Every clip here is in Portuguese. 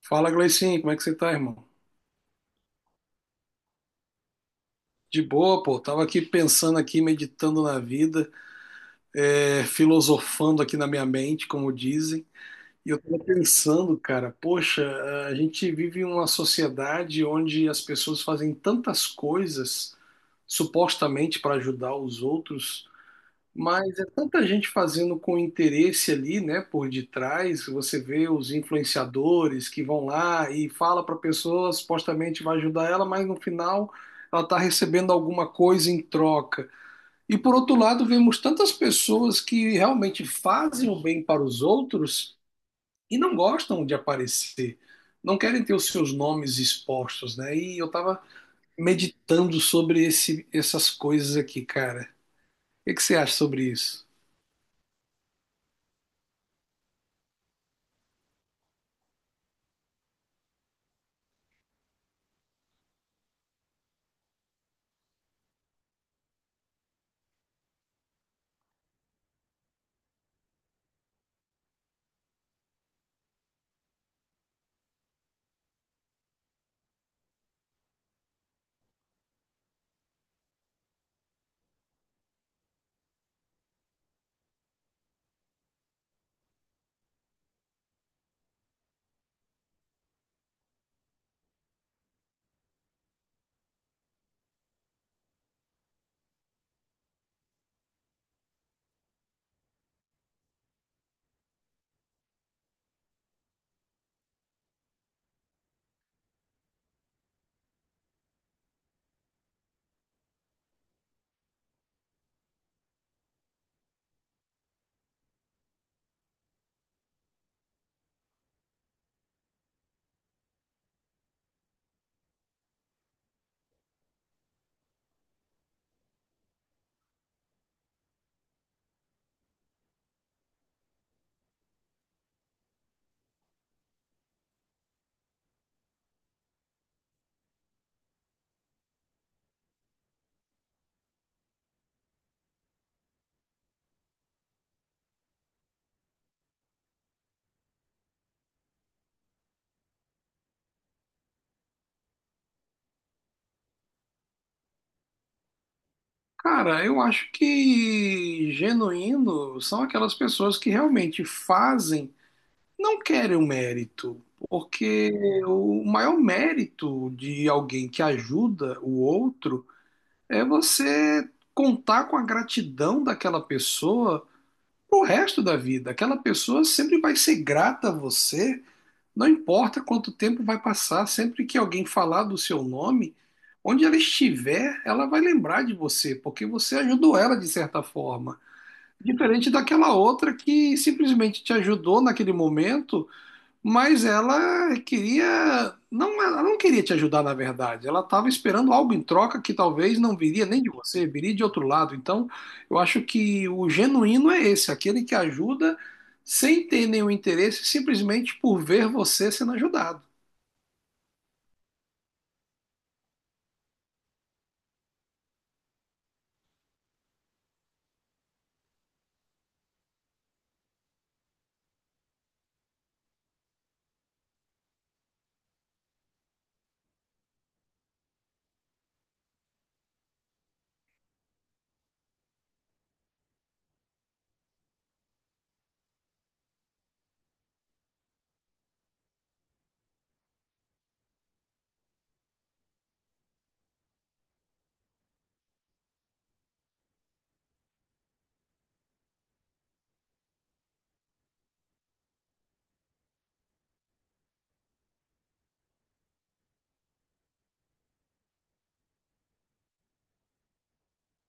Fala, Gleicinho, como é que você tá, irmão? De boa, pô. Tava aqui pensando aqui, meditando na vida, filosofando aqui na minha mente, como dizem. E eu tava pensando, cara, poxa, a gente vive em uma sociedade onde as pessoas fazem tantas coisas supostamente para ajudar os outros, mas é tanta gente fazendo com interesse ali, né, por detrás. Você vê os influenciadores que vão lá e fala para a pessoa, supostamente vai ajudar ela, mas no final ela está recebendo alguma coisa em troca. E por outro lado, vemos tantas pessoas que realmente fazem o bem para os outros e não gostam de aparecer, não querem ter os seus nomes expostos, né? E eu estava meditando sobre essas coisas aqui, cara. O que que você acha sobre isso? Cara, eu acho que genuíno são aquelas pessoas que realmente fazem, não querem o mérito, porque o maior mérito de alguém que ajuda o outro é você contar com a gratidão daquela pessoa pro resto da vida. Aquela pessoa sempre vai ser grata a você, não importa quanto tempo vai passar, sempre que alguém falar do seu nome, onde ela estiver, ela vai lembrar de você, porque você ajudou ela de certa forma. Diferente daquela outra que simplesmente te ajudou naquele momento, mas ela queria, não, ela não queria te ajudar na verdade. Ela estava esperando algo em troca que talvez não viria nem de você, viria de outro lado. Então, eu acho que o genuíno é esse, aquele que ajuda sem ter nenhum interesse, simplesmente por ver você sendo ajudado.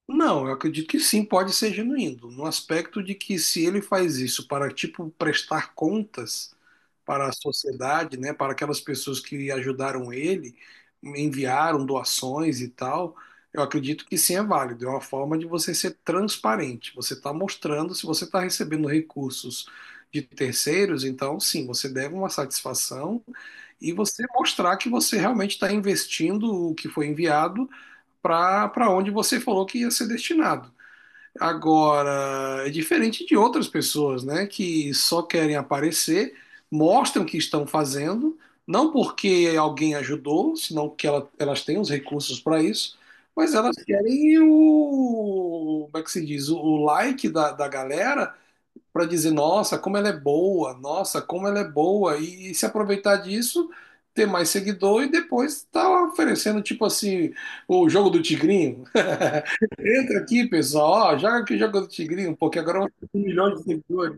Não, eu acredito que sim, pode ser genuíno, no aspecto de que se ele faz isso para, tipo, prestar contas para a sociedade, né, para aquelas pessoas que ajudaram ele, enviaram doações e tal, eu acredito que sim, é válido, é uma forma de você ser transparente, você está mostrando se você está recebendo recursos de terceiros, então sim, você deve uma satisfação e você mostrar que você realmente está investindo o que foi enviado para onde você falou que ia ser destinado. Agora, é diferente de outras pessoas, né, que só querem aparecer, mostram o que estão fazendo, não porque alguém ajudou, senão que elas têm os recursos para isso, mas elas querem o, como é que se diz, o like da galera para dizer, nossa, como ela é boa, nossa, como ela é boa, e se aproveitar disso, ter mais seguidor e depois tá oferecendo, tipo assim, o jogo do tigrinho. Entra aqui, pessoal, ó, joga aqui o jogo do Tigrinho, porque agora eu vou ter 1 milhão de seguidores.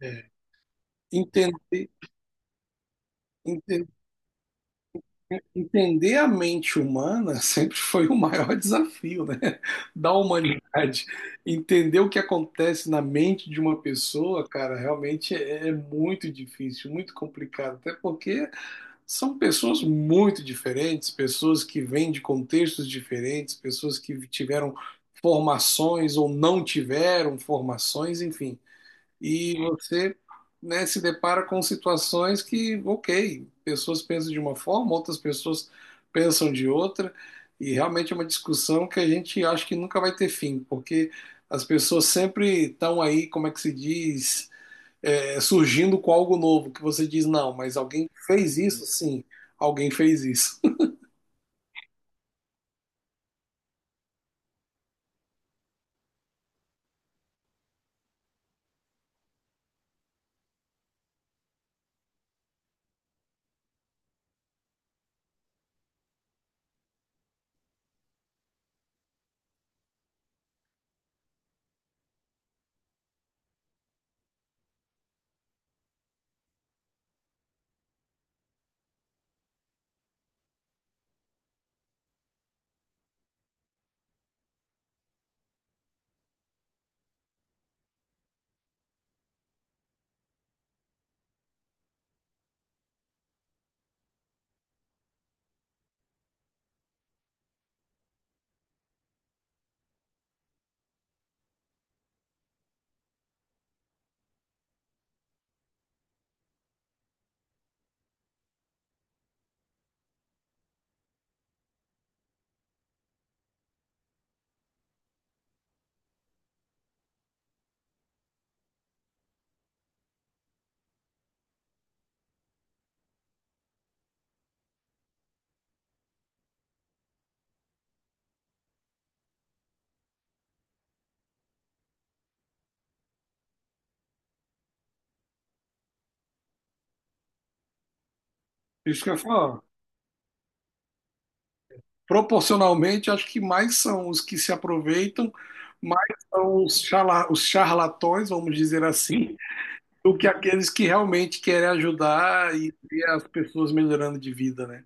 É. Entender, entender, Entender a mente humana sempre foi o maior desafio, né? Da humanidade. Entender o que acontece na mente de uma pessoa, cara, realmente é muito difícil, muito complicado, até porque são pessoas muito diferentes, pessoas que vêm de contextos diferentes, pessoas que tiveram formações ou não tiveram formações, enfim. E você, né, se depara com situações que, ok, pessoas pensam de uma forma, outras pessoas pensam de outra, e realmente é uma discussão que a gente acha que nunca vai ter fim, porque as pessoas sempre estão aí, como é que se diz, é, surgindo com algo novo, que você diz, não, mas alguém fez isso? Sim, alguém fez isso. Isso que eu falo. Proporcionalmente, acho que mais são os que se aproveitam, mais são os, os charlatões, vamos dizer assim, do que aqueles que realmente querem ajudar e ver as pessoas melhorando de vida, né?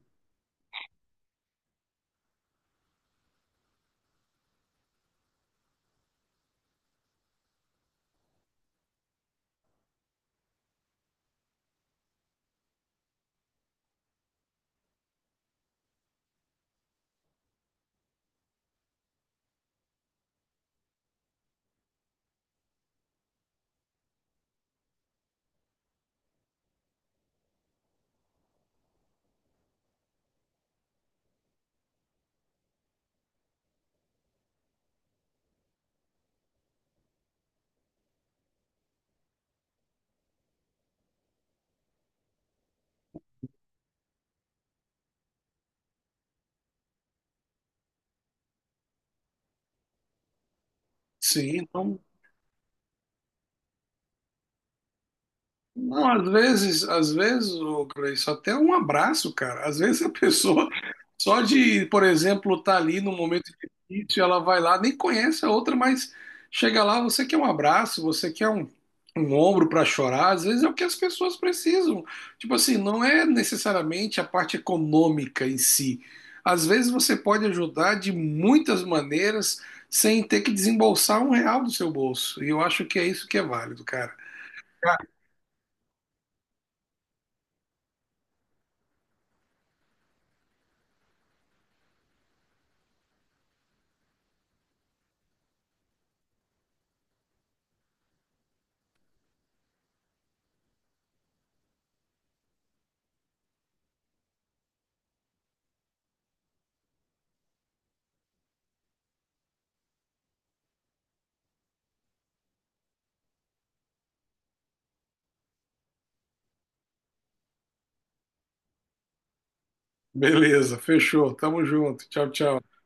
Sim, então, não, às vezes, ô Gleice, até um abraço, cara. Às vezes a pessoa, só de, por exemplo, estar ali num momento difícil, ela vai lá, nem conhece a outra, mas chega lá, você quer um abraço, você quer um ombro para chorar. Às vezes é o que as pessoas precisam. Tipo assim, não é necessariamente a parte econômica em si. Às vezes você pode ajudar de muitas maneiras sem ter que desembolsar um real do seu bolso. E eu acho que é isso que é válido, cara. Beleza, fechou. Tamo junto. Tchau, tchau.